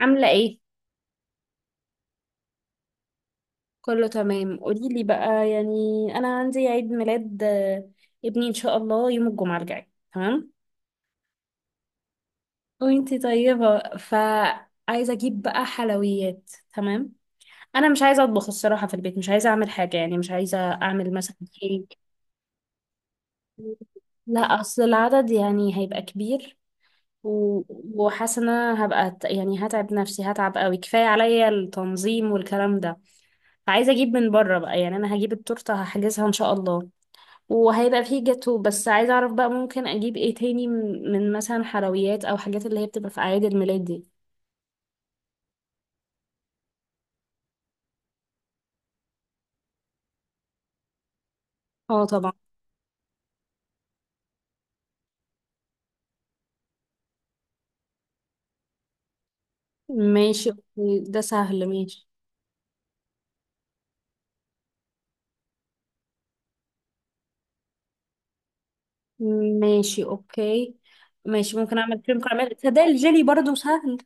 عاملة ايه؟ كله تمام، قوليلي بقى يعني. أنا عندي عيد ميلاد ابني إن شاء الله يوم الجمعة الجاي، تمام؟ وانتي طيبة، فعايزة أجيب بقى حلويات، تمام؟ أنا مش عايزة أطبخ الصراحة، في البيت مش عايزة أعمل حاجة، يعني مش عايزة أعمل مثلا كيك. لا، أصل العدد يعني هيبقى كبير و... وحاسة إن أنا هبقى يعني هتعب نفسي، هتعب قوي، كفاية عليا التنظيم والكلام ده. فعايزة أجيب من بره بقى، يعني أنا هجيب التورتة، هحجزها إن شاء الله، وهيبقى فيه جاتو، بس عايزة اعرف بقى ممكن اجيب ايه تاني، من مثلا حلويات او حاجات اللي هي بتبقى في اعياد الميلاد دي. اه طبعا. ماشي أوكي، ده سهل، ماشي. ماشي اوكي. ماشي، ممكن اعمل كريم كراميل ده، الجيلي برضو سهل.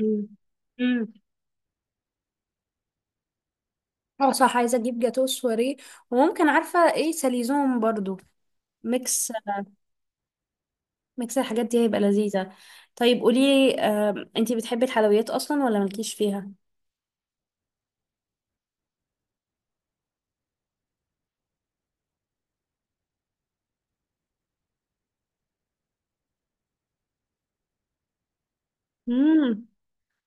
مم. امم اه صح، عايزة اجيب جاتو سواريه، وممكن عارفة ايه، ساليزون برضو، ميكس، ميكس الحاجات دي هيبقى لذيذة. طيب قولي انتي بتحبي الحلويات اصلا ولا مالكيش فيها؟ امم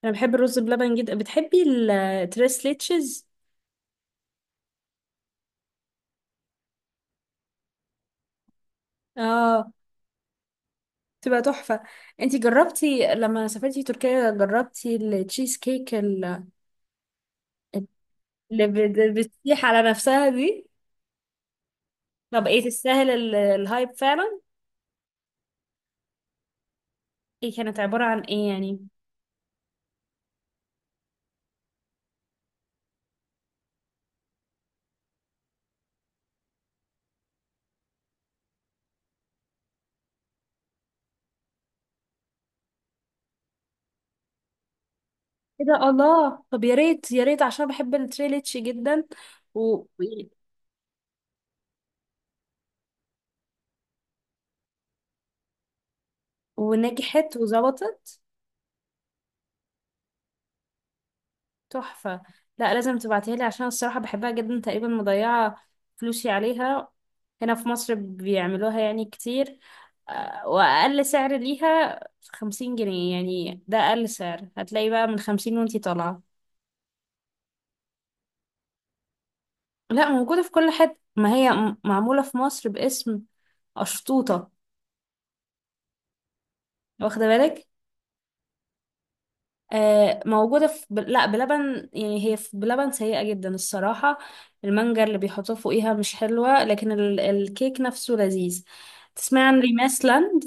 انا بحب الرز بلبن جدا. بتحبي التريس ليتشز؟ اه، تبقى تحفه. انتي جربتي لما سافرتي تركيا جربتي التشيز كيك اللي بتسيح على نفسها دي؟ طب ايه، تستاهل الهايب فعلا؟ ايه كانت عباره عن ايه يعني؟ ايه ده، الله، طب يا ريت يا ريت، عشان بحب التريليتش جدا. و... ونجحت وظبطت. تحفة. لا لازم تبعتيها لي، عشان الصراحة بحبها جدا، تقريبا مضيعة فلوسي عليها. هنا في مصر بيعملوها يعني كتير، وأقل سعر ليها 50 جنيه، يعني ده أقل سعر، هتلاقي بقى من 50 وانتي طالعة. لا موجودة في كل حتة، ما هي معمولة في مصر باسم أشطوطة، واخدة بالك؟ موجودة في لا بلبن يعني هي، في بلبن سيئة جدا الصراحة، المانجا اللي بيحطوه فوقيها مش حلوة، لكن الكيك نفسه لذيذ. تسمع عن ريماسلاند؟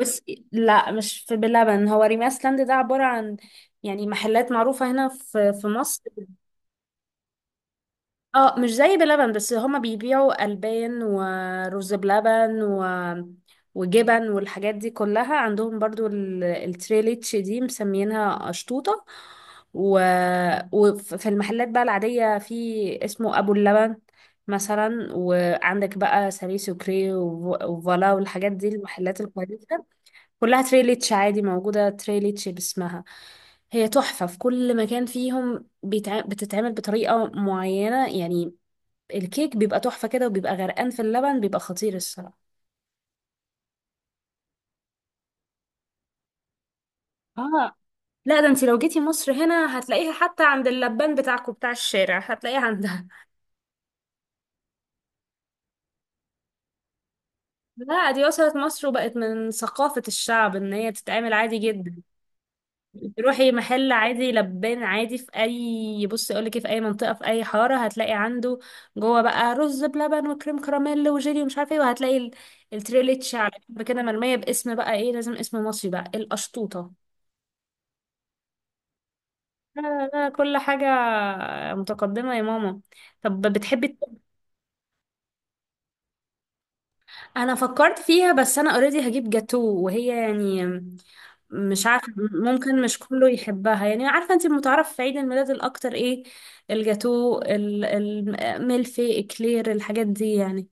بس لا مش في بلبن، هو ريماسلاند ده عبارة عن يعني محلات معروفة هنا في مصر. اه مش زي بلبن، بس هما بيبيعوا ألبان ورز بلبن وجبن والحاجات دي كلها عندهم برضو، التريليتش دي مسمينها أشطوطة. و... وفي المحلات بقى العادية، في اسمه أبو اللبن مثلا، وعندك بقى ساري سوكري وفالا والحاجات دي، المحلات الكويسة كلها تريليتش، عادي موجودة تريليتش باسمها. هي تحفة في كل مكان، فيهم بتتعمل بطريقة معينة يعني، الكيك بيبقى تحفة كده، وبيبقى غرقان في اللبن، بيبقى خطير الصراحة. اه لا، ده انت لو جيتي مصر هنا هتلاقيها، حتى عند اللبان بتاعكم بتاع الشارع هتلاقيها عندها. لا دي وصلت مصر، وبقت من ثقافة الشعب ان هي تتعمل عادي جدا. تروحي محل عادي، لبان عادي في اي، بصي اقول لك في اي منطقة في اي حارة هتلاقي عنده جوه بقى رز بلبن وكريم كراميل وجيلي ومش عارفه ايه، وهتلاقي التريليتش على جنب كده مرمية، باسم بقى ايه، لازم اسم مصري بقى، القشطوطة. لا لا كل حاجة متقدمة يا ماما. طب بتحبي أنا فكرت فيها، بس أنا اوريدي هجيب جاتو، وهي يعني مش عارفة، ممكن مش كله يحبها يعني. عارفة أنت المتعارف في عيد الميلاد الأكتر إيه، الجاتو الملفي إكلير الحاجات دي يعني.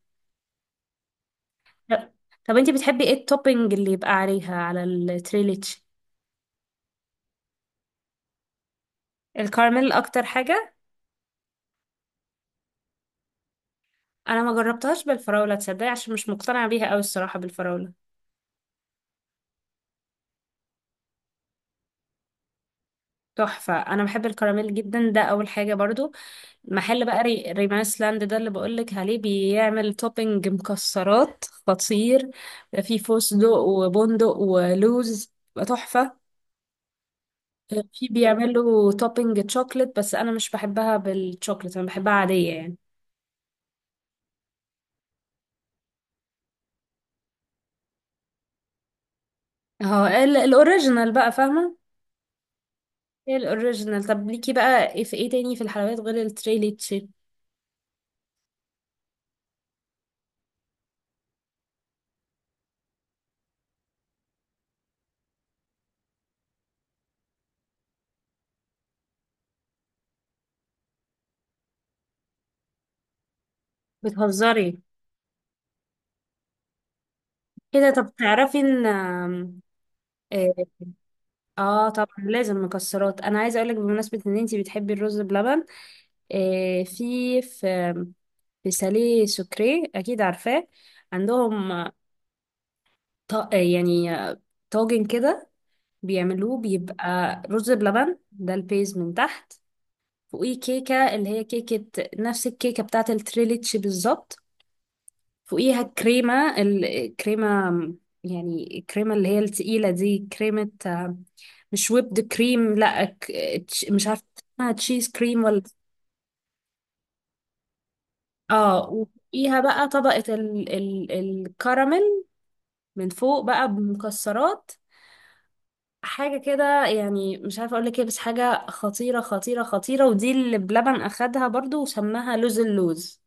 طب طب أنت بتحبي إيه التوبينج اللي يبقى عليها، على التريليتش؟ الكراميل أكتر حاجة. أنا ما جربتهاش بالفراولة تصدقي، عشان مش مقتنعة بيها أوي الصراحة بالفراولة. تحفة، أنا بحب الكراميل جدا، ده أول حاجة برضو. محل بقى ريمانس لاند ده اللي بقولك عليه، بيعمل توبينج مكسرات خطير، في فستق وبندق ولوز بقى تحفة. في بيعملوا توبينج تشوكلت، بس أنا مش بحبها بالتشوكلت، أنا بحبها عادية يعني. اهو الأوريجينال بقى، فاهمة؟ هي الأوريجينال. طب ليكي بقى إيه، في إيه تاني في الحلويات غير التريليتشي؟ بتهزري كده؟ طب تعرفي إن، اه طبعا لازم مكسرات. انا عايزه اقولك بمناسبه ان انتي بتحبي الرز بلبن، في في ساليه سكري، اكيد عارفاه، عندهم يعني طاجن كده بيعملوه، بيبقى رز بلبن ده البيز من تحت، فوقيه كيكه، اللي هي كيكه نفس الكيكه بتاعه التريليتش بالظبط، فوقيها كريمة، الكريمة يعني الكريمة اللي هي التقيلة دي، كريمة مش ويبد كريم، لا مش عارفة اسمها تشيز كريم ولا. اه، وفوقيها بقى طبقة ال ال الكراميل من فوق بقى، بمكسرات، حاجة كده يعني، مش عارفة اقولك ايه، بس حاجة خطيرة خطيرة خطيرة. ودي اللي بلبن اخدها برضو وسماها لوز اللوز.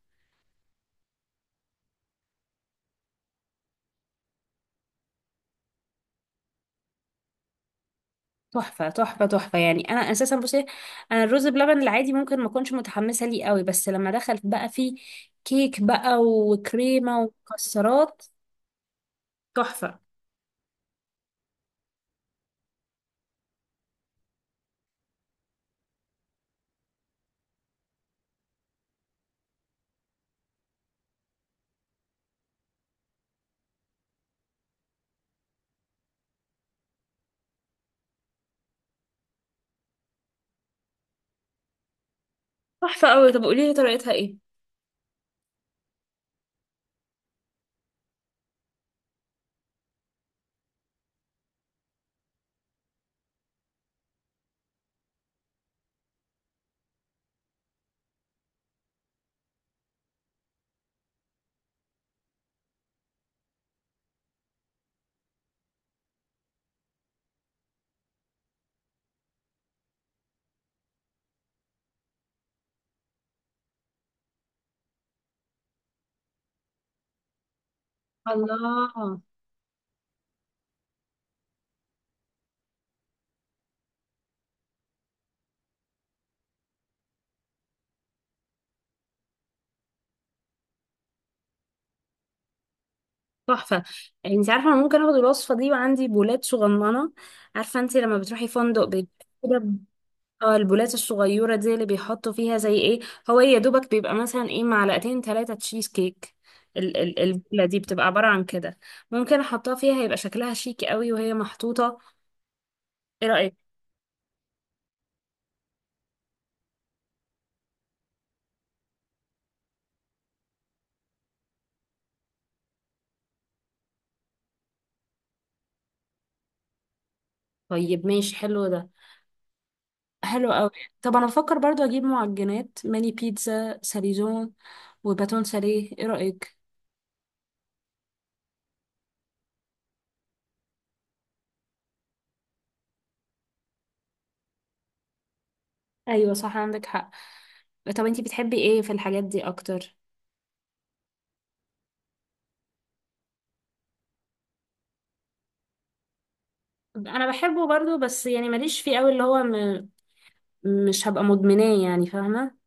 تحفة تحفة تحفة، يعني أنا أساسا بصي، أنا الرز بلبن العادي ممكن ما أكونش متحمسة ليه قوي، بس لما دخل بقى فيه كيك بقى وكريمة ومكسرات، تحفة. تحفة قوي. طب قولي لي طريقتها إيه؟ الله، تحفة. يعني أنت عارفة أنا ممكن آخد الوصفة دي، وعندي بولات صغننة، عارفة أنت لما بتروحي فندق بيبقى كده، اه البولات الصغيرة دي اللي بيحطوا فيها زي ايه، هو ايه يا دوبك، بيبقى مثلا ايه معلقتين 3 تشيز كيك، البولة دي بتبقى عبارة عن كده، ممكن احطها فيها هيبقى شكلها شيك قوي وهي محطوطة، ايه رأيك؟ طيب ماشي، حلو ده، حلو قوي. طب انا بفكر برضو اجيب معجنات، ماني بيتزا ساليزون وباتون ساليه، ايه رأيك؟ ايوه صح، عندك حق. طب انتي بتحبي ايه في الحاجات دي اكتر؟ انا بحبه برضو، بس يعني ماليش فيه قوي، اللي هو مش هبقى مدمناه يعني، فاهمة؟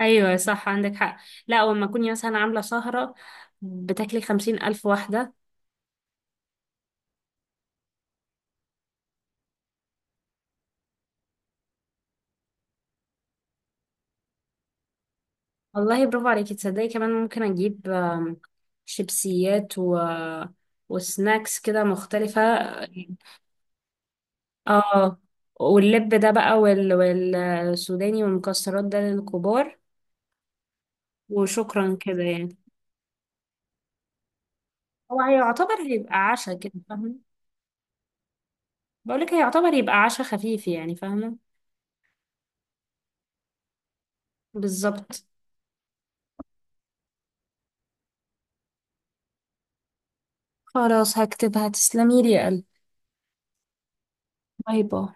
ايوه صح، عندك حق. لا ولما كوني مثلا عامله سهره، بتاكلي 50 ألف واحده. والله برافو عليكي. تصدقي كمان ممكن اجيب شيبسيات وسناكس كده مختلفه. اه، واللب ده بقى والسوداني والمكسرات ده للكبار، وشكرا كده يعني. هو هيعتبر، هيبقى عشاء كده، فاهمه؟ بقولك هيعتبر يبقى عشاء خفيف يعني، فاهمه؟ بالظبط. خلاص هكتبها، تسلمي لي يا قلبي. باي باي.